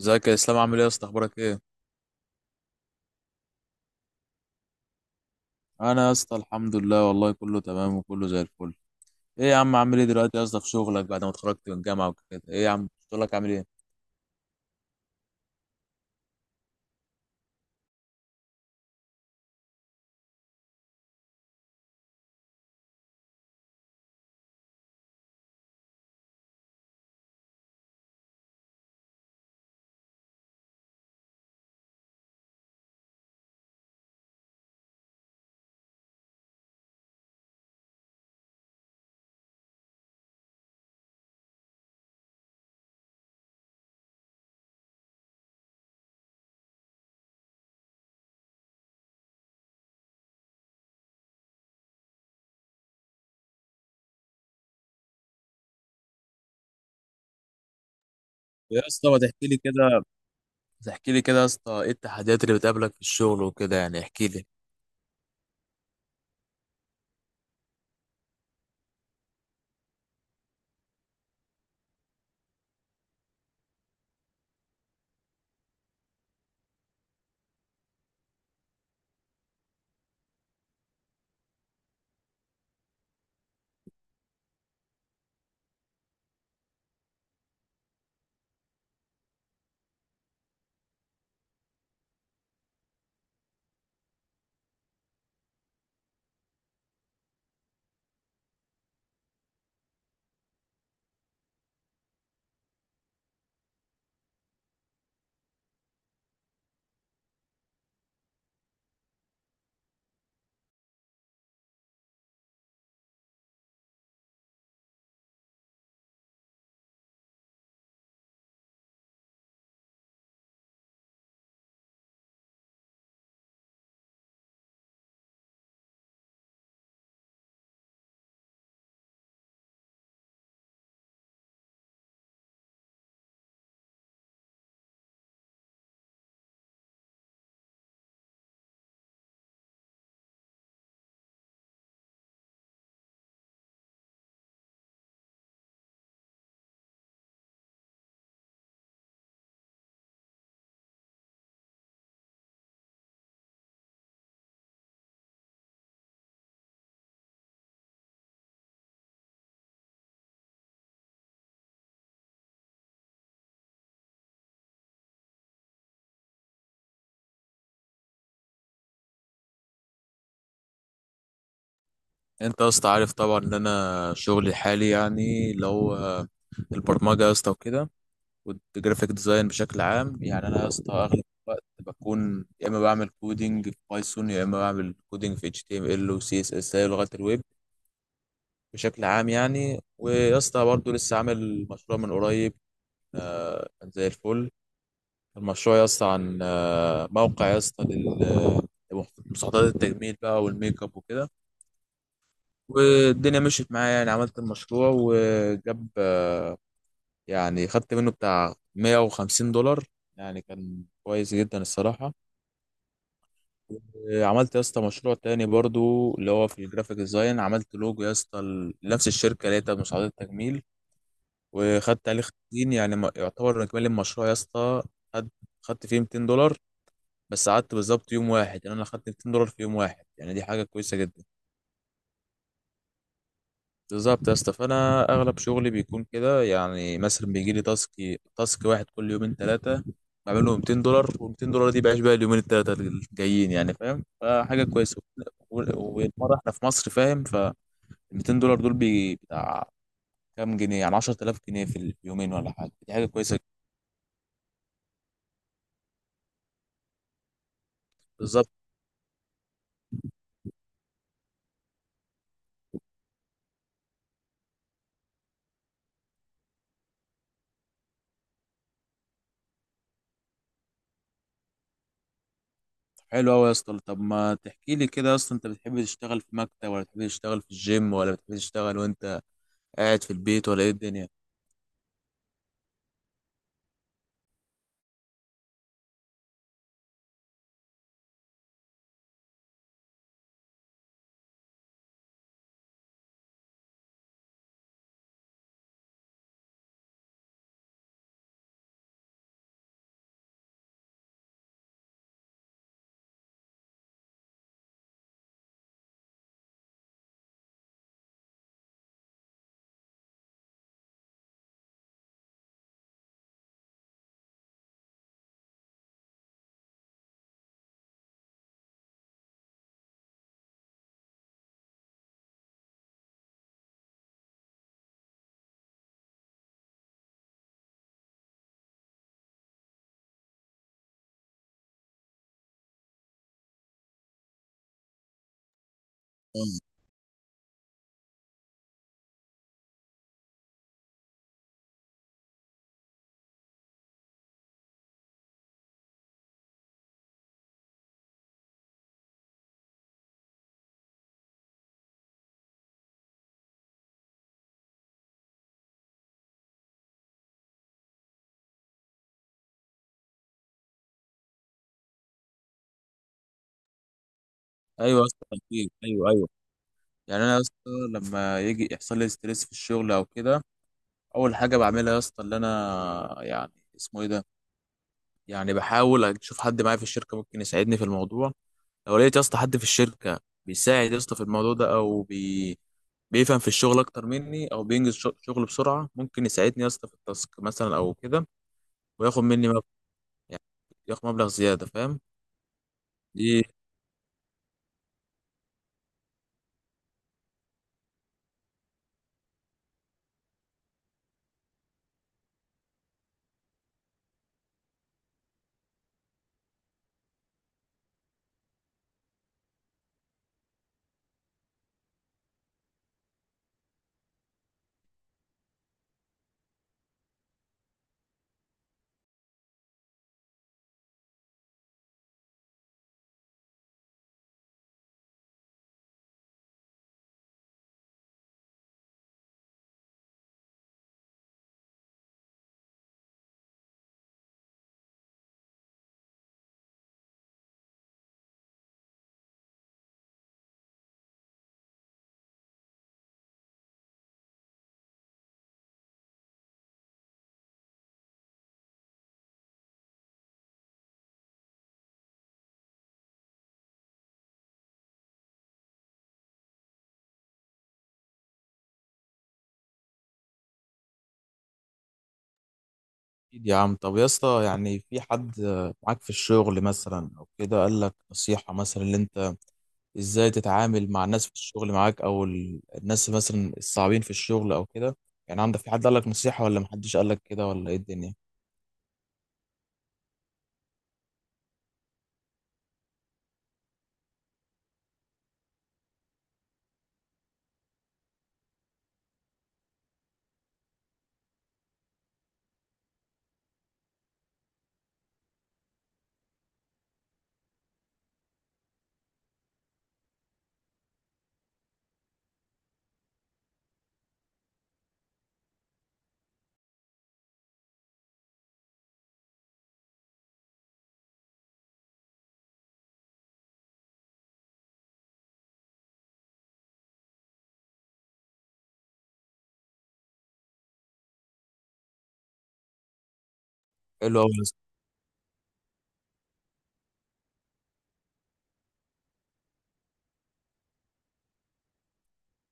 ازيك يا اسلام؟ عامل ايه يا اسطى؟ اخبارك ايه؟ انا يا اسطى الحمد لله، والله كله تمام وكله زي الفل. ايه يا عم، عامل ايه دلوقتي يا اسطى في شغلك بعد ما اتخرجت من الجامعه وكده؟ ايه يا عم شغلك عامل ايه؟ إيه يا اسطى، ما تحكي لي كده. تحكي لي كده يا اسطى، ايه التحديات اللي بتقابلك في الشغل وكده؟ يعني احكي لي. انت يا اسطى عارف طبعا ان انا شغلي الحالي يعني اللي هو البرمجه يا اسطى وكده، والجرافيك ديزاين بشكل عام. يعني انا يا اسطى اغلب الوقت بكون يا اما بعمل كودينج في بايثون، يا اما بعمل كودينج في اتش تي ام ال وسي اس اس، اي لغات الويب بشكل عام يعني. ويا اسطى برضه لسه عامل مشروع من قريب. كان زي الفل. المشروع يا اسطى عن موقع يا اسطى لمستحضرات التجميل بقى والميك اب وكده. والدنيا مشيت معايا، يعني عملت المشروع وجاب يعني خدت منه بتاع 150 دولار. يعني كان كويس جدا الصراحة. عملت يا اسطى مشروع تاني برضو اللي هو في الجرافيك ديزاين، عملت لوجو يا اسطى لنفس الشركة اللي هي بتاعت مساعدات التجميل، وخدت عليه خمسين يعني يعتبر اجمالي المشروع يا اسطى خد خدت فيه 200 دولار. بس قعدت بالظبط يوم واحد، يعني انا خدت 200 دولار في يوم واحد، يعني دي حاجه كويسه جدا بالظبط يا اسطى. فانا اغلب شغلي بيكون كده، يعني مثلا بيجي لي تاسك واحد كل يومين ثلاثه، بعمل له 200 دولار، وال200 دولار دي بعيش بقى اليومين الثلاثه الجايين يعني، فاهم؟ فحاجه كويسه. والمره احنا في مصر، فاهم؟ ف 200 دولار دول بتاع كام جنيه؟ يعني 10,000 جنيه في اليومين ولا حاجه، دي حاجه كويسه بالظبط. حلو قوي يا اسطى. طب ما تحكي لي كده يا اسطى، انت بتحب تشتغل في مكتب، ولا بتحب تشتغل في الجيم، ولا بتحب تشتغل وانت قاعد في البيت، ولا ايه الدنيا؟ ايوه يا اسطى اكيد، ايوه ايوه. يعني انا يا اسطى لما يجي يحصل لي ستريس في الشغل او كده، اول حاجه بعملها يا اسطى اللي انا يعني اسمه ايه ده، يعني بحاول اشوف حد معايا في الشركه ممكن يساعدني في الموضوع. لو لقيت يا اسطى حد في الشركه بيساعد يا اسطى في الموضوع ده، او بيفهم في الشغل اكتر مني، او بينجز شغل بسرعه، ممكن يساعدني يا اسطى في التاسك مثلا او كده، وياخد مني مبلغ يعني، ياخد مبلغ زيادة، فاهم؟ ايه، اكيد يا عم. طب يا اسطى، يعني في حد معاك في الشغل مثلا او كده قال لك نصيحة مثلا اللي انت ازاي تتعامل مع الناس في الشغل معاك، او الناس مثلا الصعبين في الشغل او كده؟ يعني عندك في حد قال لك نصيحة، ولا محدش قال لك كده، ولا ايه الدنيا؟ حلو قوي يا اسطى.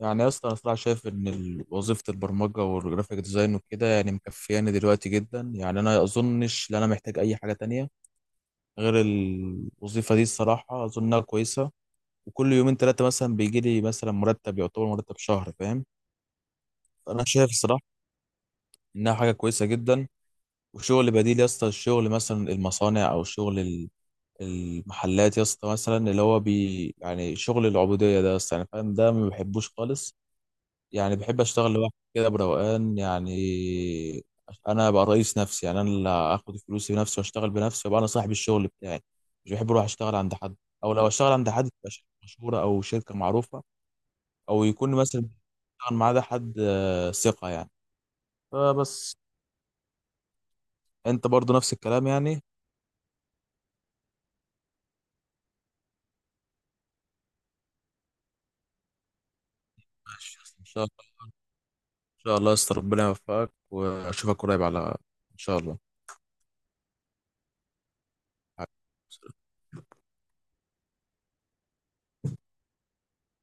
يعني يا اسطى انا صراحة شايف ان وظيفة البرمجة والجرافيك ديزاين وكده يعني مكفياني دلوقتي جدا، يعني انا اظنش ان انا محتاج اي حاجة تانية غير الوظيفة دي، الصراحة اظنها كويسة. وكل يومين ثلاثة مثلا بيجي لي مثلا مرتب يعتبر مرتب شهر، فاهم؟ فأنا شايف الصراحة إنها حاجة كويسة جدا. وشغل بديل يا اسطى، الشغل مثلا المصانع أو شغل المحلات يا اسطى، مثلا اللي هو بي يعني شغل العبودية ده يا اسطى، يعني فاهم؟ ده ما بحبوش خالص. يعني بحب أشتغل لوحدي كده بروقان يعني، أنا أبقى رئيس نفسي. يعني أنا اللي آخد فلوسي بنفسي وأشتغل بنفسي وأبقى أنا صاحب الشغل بتاعي، مش بحب أروح أشتغل عند حد. أو لو أشتغل عند حد تبقى شركة مشهورة أو شركة معروفة، او يكون مثلا بيشتغل معاه ده حد ثقه يعني. فبس. انت برضو نفس الكلام يعني؟ ماشي يا اسطى، ان شاء الله. ان شاء الله يا اسطى ربنا يوفقك، واشوفك قريب على ان شاء الله.